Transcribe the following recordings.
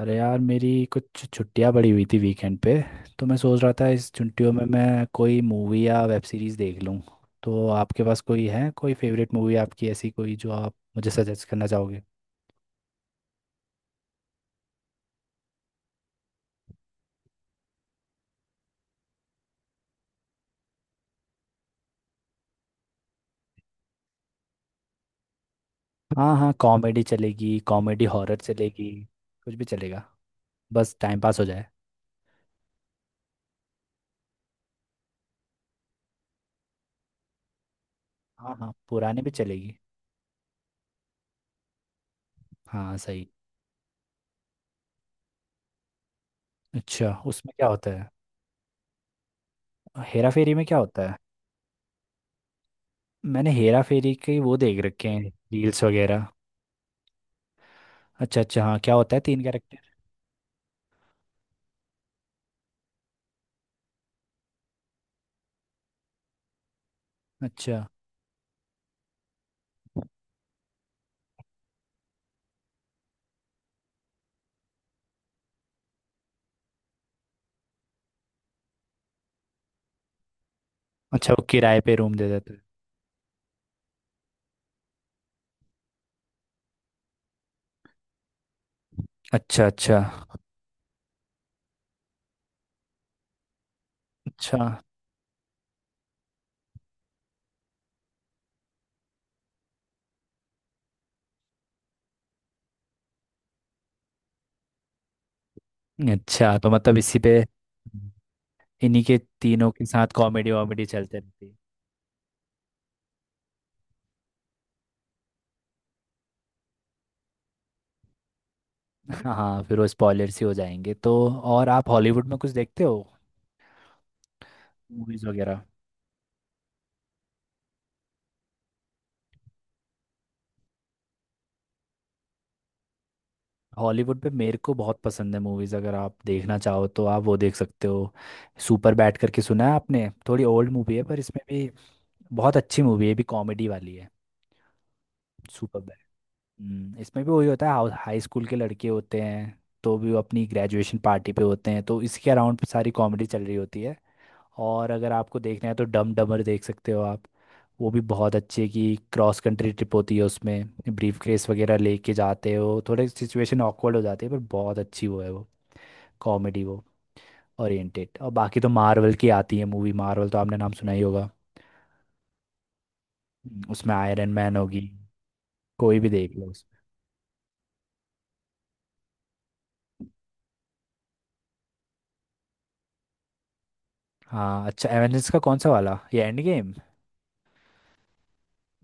अरे यार, मेरी कुछ छुट्टियां पड़ी हुई थी वीकेंड पे। तो मैं सोच रहा था इस छुट्टियों में मैं कोई मूवी या वेब सीरीज देख लूं। तो आपके पास कोई है, कोई फेवरेट मूवी आपकी ऐसी कोई जो आप मुझे सजेस्ट करना चाहोगे। हाँ हाँ, कॉमेडी चलेगी, कॉमेडी हॉरर चलेगी। कुछ भी चलेगा, बस टाइम पास हो जाए। हाँ हाँ, पुराने भी चलेगी। हाँ सही। अच्छा, उसमें क्या होता है। हेरा फेरी में क्या होता है। मैंने हेरा फेरी के वो देख रखे हैं, रील्स वगैरह। अच्छा अच्छा, हाँ क्या होता है, तीन कैरेक्टर। अच्छा अच्छा, वो किराए पे रूम दे देते हैं। अच्छा अच्छा। अच्छा अच्छा, तो मतलब इसी पे, इन्हीं के तीनों के साथ कॉमेडी वॉमेडी चलते रहती है। हाँ, फिर वो स्पॉयलर्स ही हो जाएंगे तो। और आप हॉलीवुड में कुछ देखते हो, मूवीज़ वगैरह। हॉलीवुड पे मेरे को बहुत पसंद है मूवीज़, अगर आप देखना चाहो तो आप वो देख सकते हो। सुपर बैड करके सुना है आपने? थोड़ी ओल्ड मूवी है पर इसमें भी बहुत अच्छी मूवी है ये, भी कॉमेडी वाली है। सुपर, इसमें भी वही होता है, हाई स्कूल के लड़के होते हैं, तो भी वो अपनी ग्रेजुएशन पार्टी पे होते हैं तो इसके अराउंड सारी कॉमेडी चल रही होती है। और अगर आपको देखना है तो डम डमर देख सकते हो आप। वो भी बहुत अच्छे की, क्रॉस कंट्री ट्रिप होती है उसमें। ब्रीफ केस वगैरह लेके जाते हो, थोड़े सिचुएशन ऑकवर्ड हो जाती है, पर बहुत अच्छी वो है वो, कॉमेडी वो ओरिएंटेड। और बाकी तो मार्वल की आती है मूवी, मार्वल तो आपने नाम सुना ही होगा। उसमें आयरन मैन होगी, कोई भी देख लो हाँ अच्छा, एवेंजर्स का कौन सा वाला, ये एंड?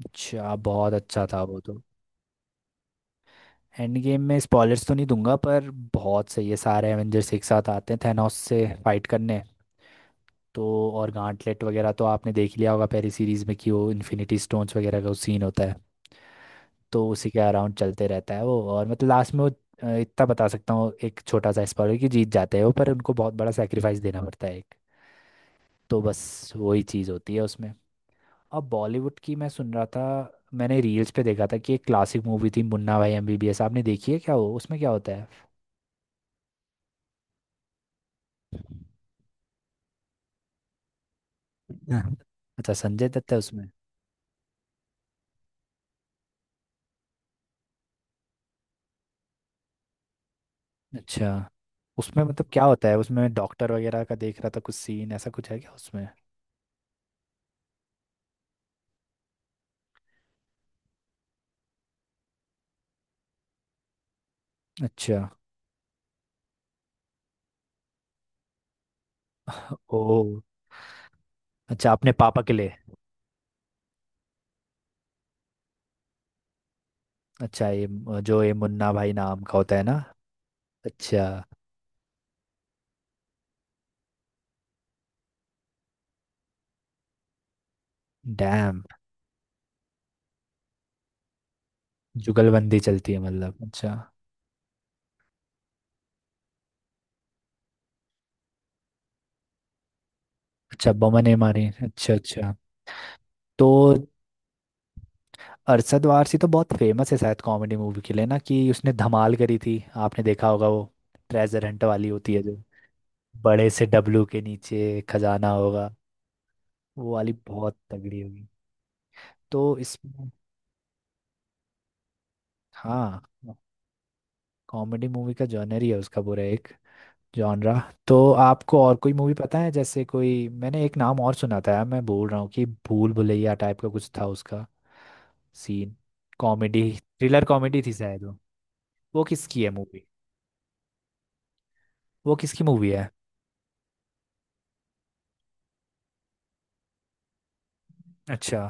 अच्छा, बहुत अच्छा था वो तो। एंड गेम में स्पॉयलर्स तो नहीं दूंगा, पर बहुत सही है, सारे एवेंजर्स एक साथ आते हैं थैनोस से फाइट करने। तो और गांटलेट वगैरह तो आपने देख लिया होगा पहली सीरीज में, कि वो इन्फिनिटी स्टोन्स वगैरह का सीन होता है। तो उसी के अराउंड चलते रहता है वो, और मतलब लास्ट में वो इतना बता सकता हूँ, एक छोटा सा स्पॉइलर, कि जीत जाते हैं वो पर उनको बहुत बड़ा सेक्रीफाइस देना पड़ता है एक। तो बस वही चीज़ होती है उसमें। अब बॉलीवुड की मैं सुन रहा था, मैंने रील्स पे देखा था कि एक क्लासिक मूवी थी, मुन्ना भाई एमबीबीएस। आपने देखी है क्या वो? उसमें क्या होता है? हाँ। अच्छा, संजय दत्त है उसमें। अच्छा, उसमें मतलब क्या होता है, उसमें डॉक्टर वगैरह का देख रहा था कुछ सीन, ऐसा कुछ है क्या उसमें? अच्छा। ओ अच्छा, अपने पापा के लिए। अच्छा, ये जो ये मुन्ना भाई नाम का होता है ना। अच्छा। डैम। जुगलबंदी चलती है मतलब, अच्छा। अच्छा, बमन ए मारी, अच्छा अच्छा। तो अरशद वारसी तो बहुत फेमस है शायद कॉमेडी मूवी के लिए ना, कि उसने धमाल करी थी, आपने देखा होगा वो, ट्रेजर हंट वाली होती है जो। बड़े से डब्लू के नीचे खजाना होगा, वो वाली बहुत तगड़ी होगी। तो इसमें हाँ, कॉमेडी मूवी का जॉनर ही है उसका पूरा, एक जॉनरा। तो आपको और कोई मूवी पता है? जैसे कोई मैंने एक नाम और सुना था, यार मैं बोल रहा हूँ कि भूल भुलैया टाइप का कुछ था उसका सीन। कॉमेडी थ्रिलर कॉमेडी थी शायद वो। वो किसकी है मूवी? वो किसकी मूवी है? अच्छा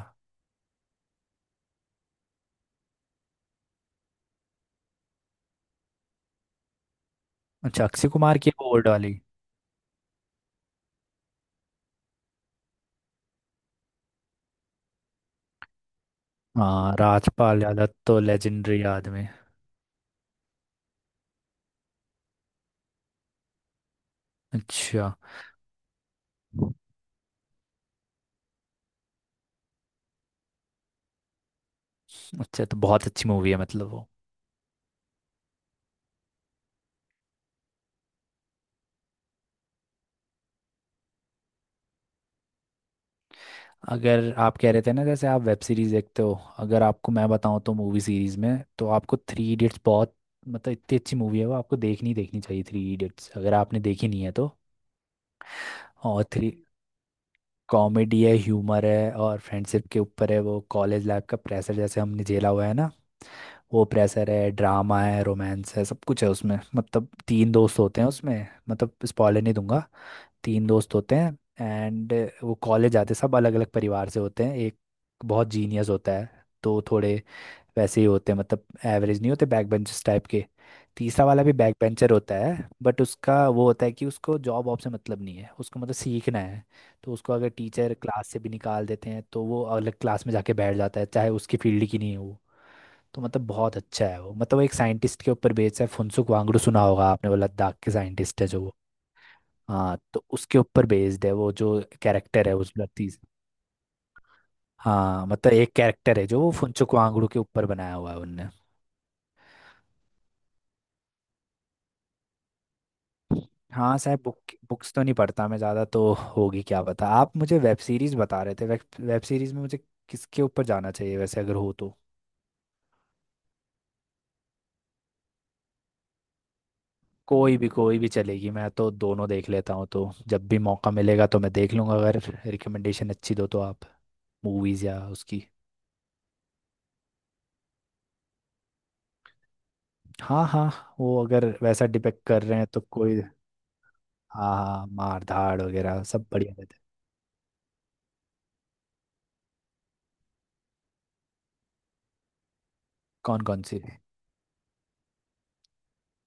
अच्छा, अक्षय कुमार की है वो ओल्ड वाली। हाँ, राजपाल यादव तो लेजेंडरी आदमी। अच्छा। अच्छा, तो बहुत अच्छी मूवी है मतलब वो। अगर आप कह रहे थे ना जैसे आप वेब सीरीज देखते हो, अगर आपको मैं बताऊं तो मूवी सीरीज में, तो आपको थ्री इडियट्स बहुत, मतलब इतनी अच्छी मूवी है वो, आपको देखनी ही देखनी चाहिए थ्री इडियट्स, अगर आपने देखी नहीं है तो। और थ्री, कॉमेडी है, ह्यूमर है और फ्रेंडशिप के ऊपर है वो, कॉलेज लाइफ का प्रेशर जैसे हमने झेला हुआ है ना, वो प्रेशर है, ड्रामा है, रोमांस है, सब कुछ है उसमें। मतलब तीन दोस्त होते हैं उसमें, मतलब स्पॉइलर नहीं दूंगा। तीन दोस्त होते हैं, एंड वो कॉलेज आते, सब अलग अलग परिवार से होते हैं। एक बहुत जीनियस होता है, तो थोड़े वैसे ही होते हैं, मतलब एवरेज नहीं होते, बैक बेंचर्स टाइप के। तीसरा वाला भी बैक बेंचर होता है, बट उसका वो होता है कि उसको जॉब वॉब से मतलब नहीं है, उसको मतलब सीखना है। तो उसको अगर टीचर क्लास से भी निकाल देते हैं तो वो अलग क्लास में जाके बैठ जाता है, चाहे उसकी फील्ड की नहीं हो। तो मतलब बहुत अच्छा है वो, मतलब वो एक साइंटिस्ट के ऊपर बेस्ड है, फुनसुक वांगडू, सुना होगा आपने, वो लद्दाख के साइंटिस्ट है जो वो। हाँ, तो उसके ऊपर बेस्ड है वो जो कैरेक्टर है, उस व्यक्ति से। हाँ मतलब एक कैरेक्टर है जो वो फुनसुक वांगडू के ऊपर बनाया हुआ है उनने। हाँ साहब, बुक्स तो नहीं पढ़ता मैं ज़्यादा, तो होगी क्या पता। आप मुझे वेब सीरीज़ बता रहे थे, वेब सीरीज़ में मुझे किसके ऊपर जाना चाहिए वैसे, अगर हो तो। कोई भी चलेगी, मैं तो दोनों देख लेता हूँ, तो जब भी मौका मिलेगा तो मैं देख लूँगा, अगर रिकमेंडेशन अच्छी दो तो आप, मूवीज या उसकी। हाँ हाँ, वो अगर वैसा डिपेक्ट कर रहे हैं तो कोई, हाँ हाँ, मार धाड़ वगैरह सब बढ़िया रहते हैं। कौन कौन सी?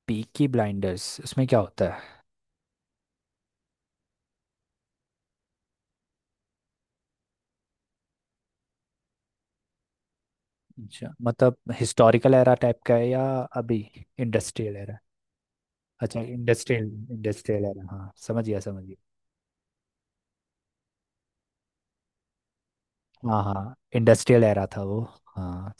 पीकी ब्लाइंडर्स, उसमें क्या होता है? अच्छा, मतलब हिस्टोरिकल एरा टाइप का है या अभी? Industrial era? अच्छा इंडस्ट्रियल, इंडस्ट्रियल एरा, हाँ समझ गया समझ गया। हाँ हाँ, इंडस्ट्रियल एरा था वो। हाँ।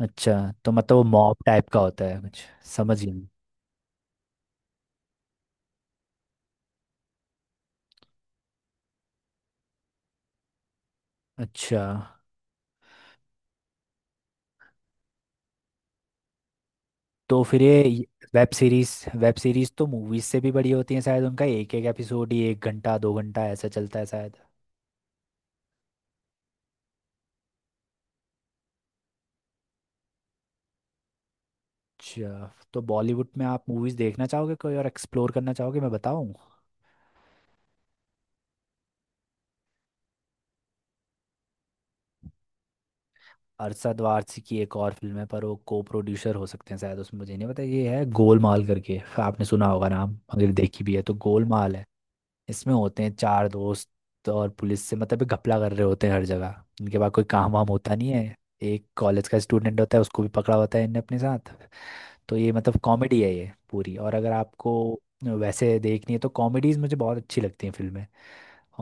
अच्छा, तो मतलब वो मॉब टाइप का होता है कुछ। समझ गया। अच्छा। तो फिर ये वेब सीरीज, वेब सीरीज तो मूवीज से भी बड़ी होती है शायद, उनका एक एक एपिसोड ही एक घंटा दो घंटा ऐसा चलता है शायद। अच्छा, तो बॉलीवुड में आप मूवीज देखना चाहोगे कोई और एक्सप्लोर करना चाहोगे, मैं बताऊं? अरशद वारसी की एक और फिल्म है, पर वो को प्रोड्यूसर हो सकते हैं शायद उसमें मुझे नहीं पता, ये है गोलमाल करके, आपने सुना होगा नाम, अगर देखी भी है तो, गोलमाल है। इसमें होते हैं चार दोस्त, और पुलिस से मतलब ये घपला कर रहे होते हैं हर जगह, इनके पास कोई काम वाम होता नहीं है। एक कॉलेज का स्टूडेंट होता है, उसको भी पकड़ा होता है इनने अपने साथ। तो ये मतलब कॉमेडी है ये पूरी। और अगर आपको वैसे देखनी है तो कॉमेडीज़ मुझे बहुत अच्छी लगती हैं फिल्में।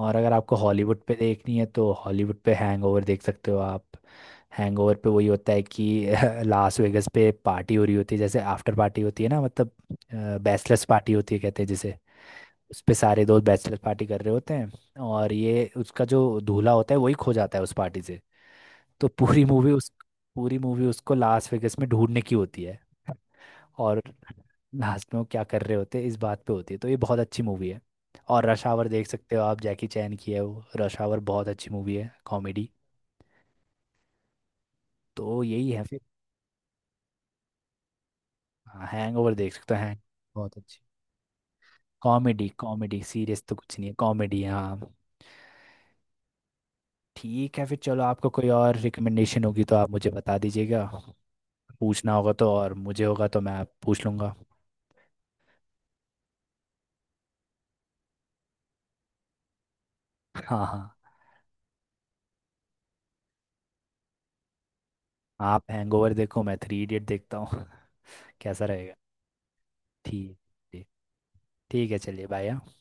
और अगर आपको हॉलीवुड पे देखनी है तो हॉलीवुड पे हैंगओवर देख सकते हो आप। हैंगओवर पे वही होता है कि लास वेगस पे पार्टी हो रही होती है, जैसे आफ्टर पार्टी होती है ना मतलब, बैचलर्स पार्टी होती है कहते हैं जिसे। उस पे सारे दोस्त बैचलर पार्टी कर रहे होते हैं, और ये उसका जो दूल्हा होता है वही खो जाता है उस पार्टी से। तो पूरी मूवी उस, पूरी मूवी उसको लास वेगस में ढूंढने की होती है। और लास्ट में वो क्या कर रहे होते हैं इस बात पे होती है, तो ये बहुत अच्छी मूवी है। और रश आवर देख सकते हो आप, जैकी चैन की है वो रश आवर, बहुत अच्छी मूवी है कॉमेडी। तो यही है फिर। हाँ, हैंगओवर देख सकते हो, हैंग, बहुत अच्छी कॉमेडी, कॉमेडी। सीरियस तो कुछ नहीं है, कॉमेडी हाँ। ठीक है फिर, चलो आपको कोई और रिकमेंडेशन होगी तो आप मुझे बता दीजिएगा। पूछना होगा तो, और मुझे होगा तो मैं आप पूछ लूँगा। हाँ हाँ। आप हैंगओवर देखो, मैं थ्री इडियट देखता हूँ। कैसा रहेगा? ठीक, ठीक, ठीक है, चलिए बाय। हाँ।